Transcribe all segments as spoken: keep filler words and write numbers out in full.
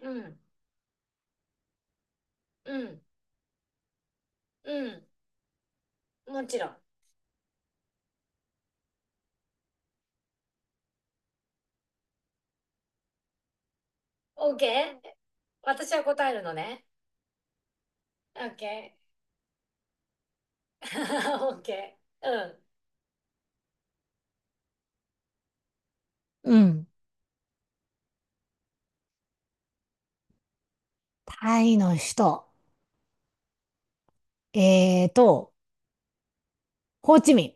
うん、うん、うん、もちろん。OK? 私は答えるのね。OK。OK。うん。うん。タイの首都。えーと、ホーチミン。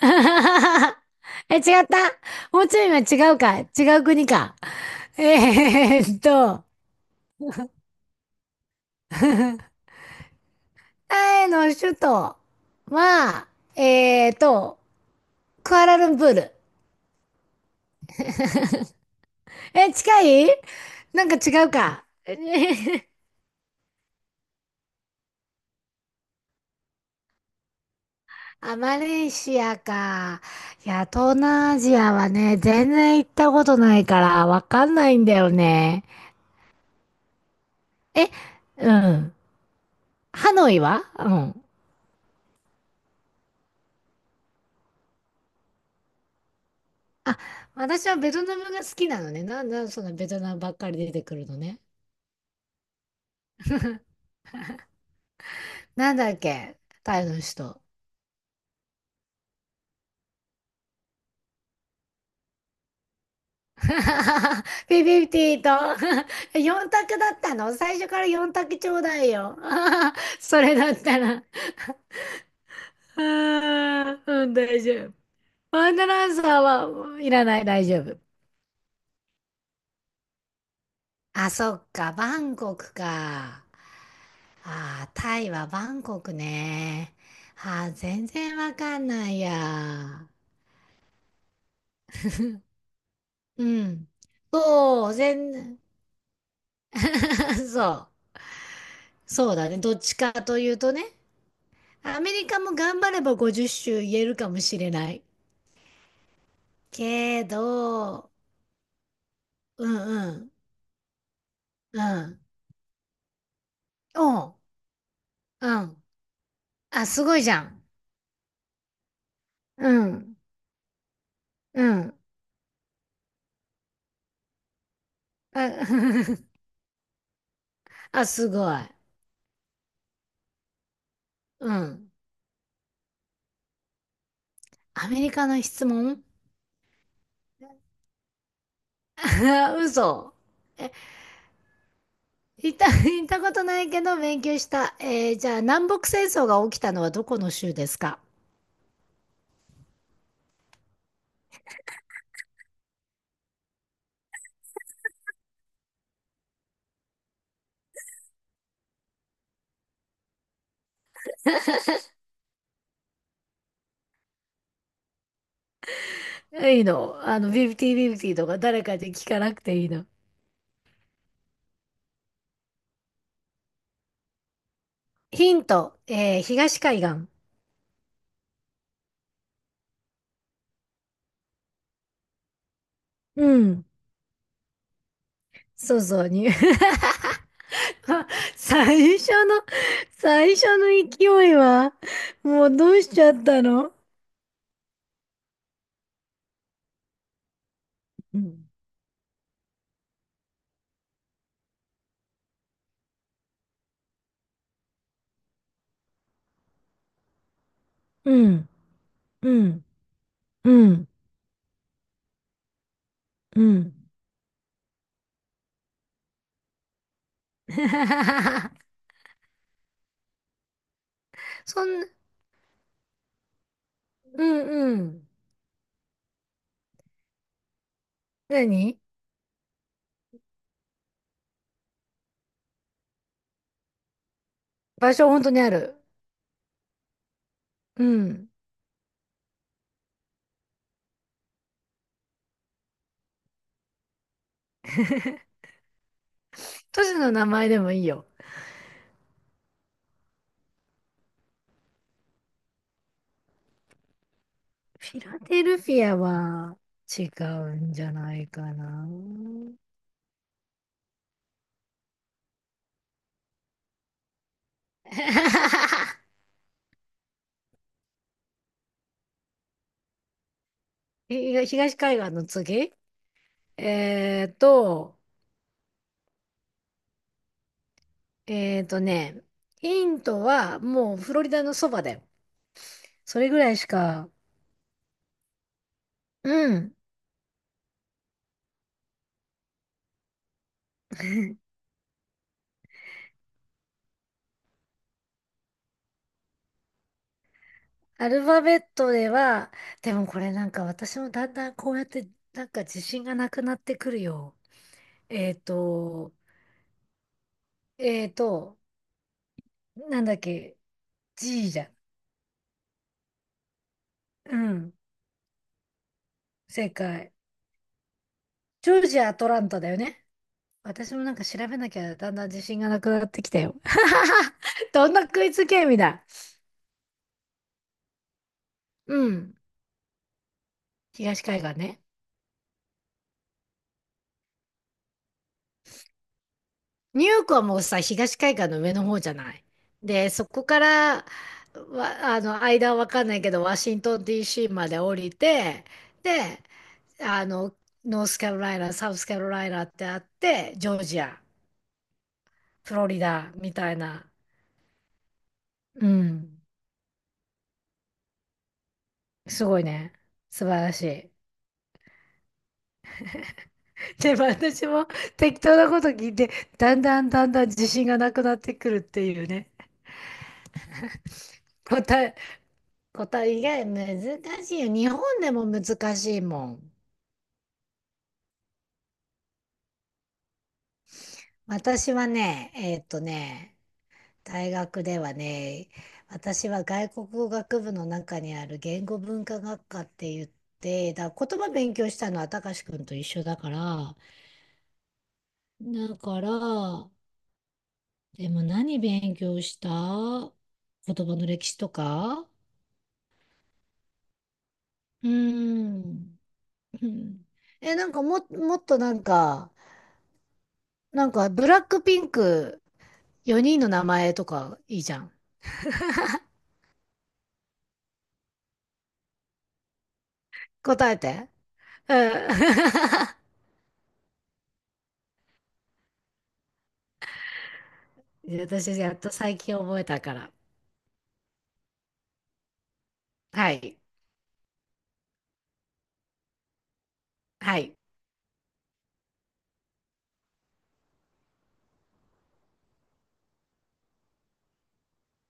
え、違った。ホーチミンは違うか。違う国か。えーっと、タイの首都は、えーっと、クアラルンプール。え、近い。なんか違うか。えあ、マレーシアか。いや、東南アジアはね、全然行ったことないから、わかんないんだよね。え、うん。ハノイは。うん。あ、私はベトナムが好きなのね。なんだ、そのベトナムばっかり出てくるのね。なんだっけ。タイの人。 フィ都。ピピピと よん択だったの。最初からよん択ちょうだいよ。それだったら。あーうん、大丈夫。ワンダランサーはいらない、大丈夫。あ、そっか、バンコクか。あー、タイはバンコクね。あー、全然わかんないや。うん。そう、全、そう。そうだね。どっちかというとね。アメリカも頑張ればごじゅう州言えるかもしれない。けど、うんうん、うん。おう、うん。あ、すごいじゃん。うん、うん。あ あ、すごい。うん。アメリカの質問。 嘘。え、行った、行ったことないけど勉強した。えーじゃあ、南北戦争が起きたのはどこの州ですか？いいの。あの、ビブティビブティとか誰かで聞かなくていいの。ヒント。えー東海岸。うん。そうそうに。最初の、最初の勢いは、もうどうしちゃったの？うん、うん、うん、うん、うん。そんな、うんうん。何？場所本当にある。うん。都市の名前でもいいよ。フィラデルフィアは違うんじゃないかな。東東海岸の次。えーと、えーとね、ヒントはもうフロリダのそばだよ。それぐらいしか、うん。アルファベットでは、でもこれなんか私もだんだんこうやってなんか自信がなくなってくるよ。えっと、えっと、なんだっけ、G じゃん。うん、正解。ジョージア・アトランタだよね。私もなんか調べなきゃだんだん自信がなくなってきたよ。どんなクイズゲームだ。うん、東海岸ね。ニューヨークはもうさ、東海岸の上の方じゃない。で、そこから、わ、あの、間はわかんないけど、ワシントン ディーシー まで降りて、で、あの、ノースカロライナ、サウスカロライナってあって、ジョージア、フロリダみたいな。うん。すごいね。素晴らしい。で、私も適当なこと聞いて、だんだんだんだん自信がなくなってくるっていうね。答え、答え以外難しいよ。日本でも難しいもん。私はね、えーっとね、大学ではね、私は外国語学部の中にある言語文化学科って言って、だから言葉勉強したのは高志くんと一緒だから、だから、でも何勉強した？言葉の歴史とか。うーん。うん。え、なんかも、もっとなんか、なんかブラックピンクよにんの名前とかいいじゃん。答えて。うん。私、やっと最近覚えたから。はい。はい。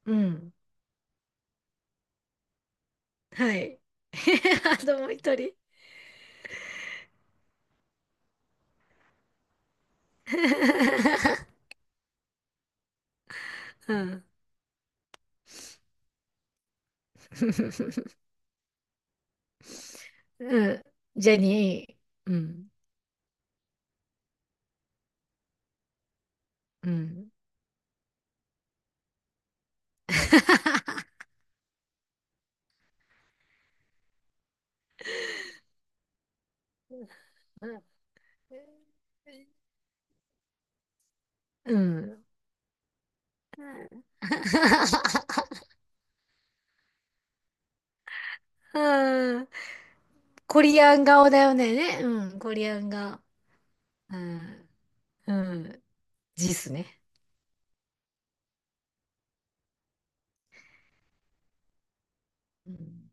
うん。はい。あともう一人。うん。うん。ジェニー。うん。うん。うん。うん。うん。コリアン顔だよね。ね。うん。コリアン顔。うん。うん。ジスね。うん。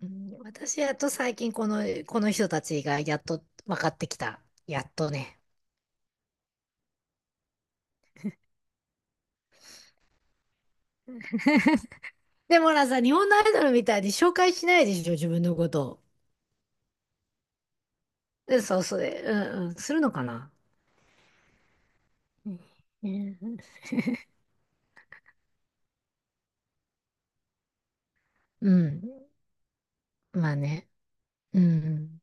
うん。私、やっと最近この、この人たちがやっと分かってきた。やっとね。でもほらさ、日本のアイドルみたいに紹介しないでしょ、自分のことを。で、そう、それ、うんうん、するのかな。うんうん。まあね。うん。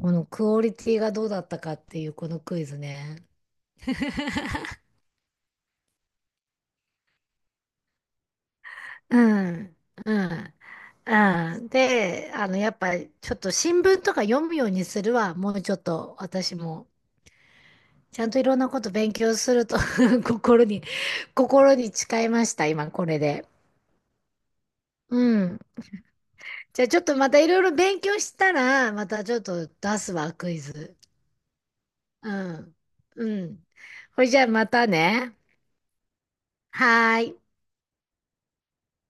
このクオリティがどうだったかっていうこのクイズね。うん。うん。うん。で、あの、やっぱりちょっと新聞とか読むようにするわ。もうちょっと私も。ちゃんといろんなこと勉強すると 心に、心に誓いました、今これで。うん。じゃあちょっとまたいろいろ勉強したら、またちょっと出すわ、クイズ。うん。うん。これじゃあまたね。はーい。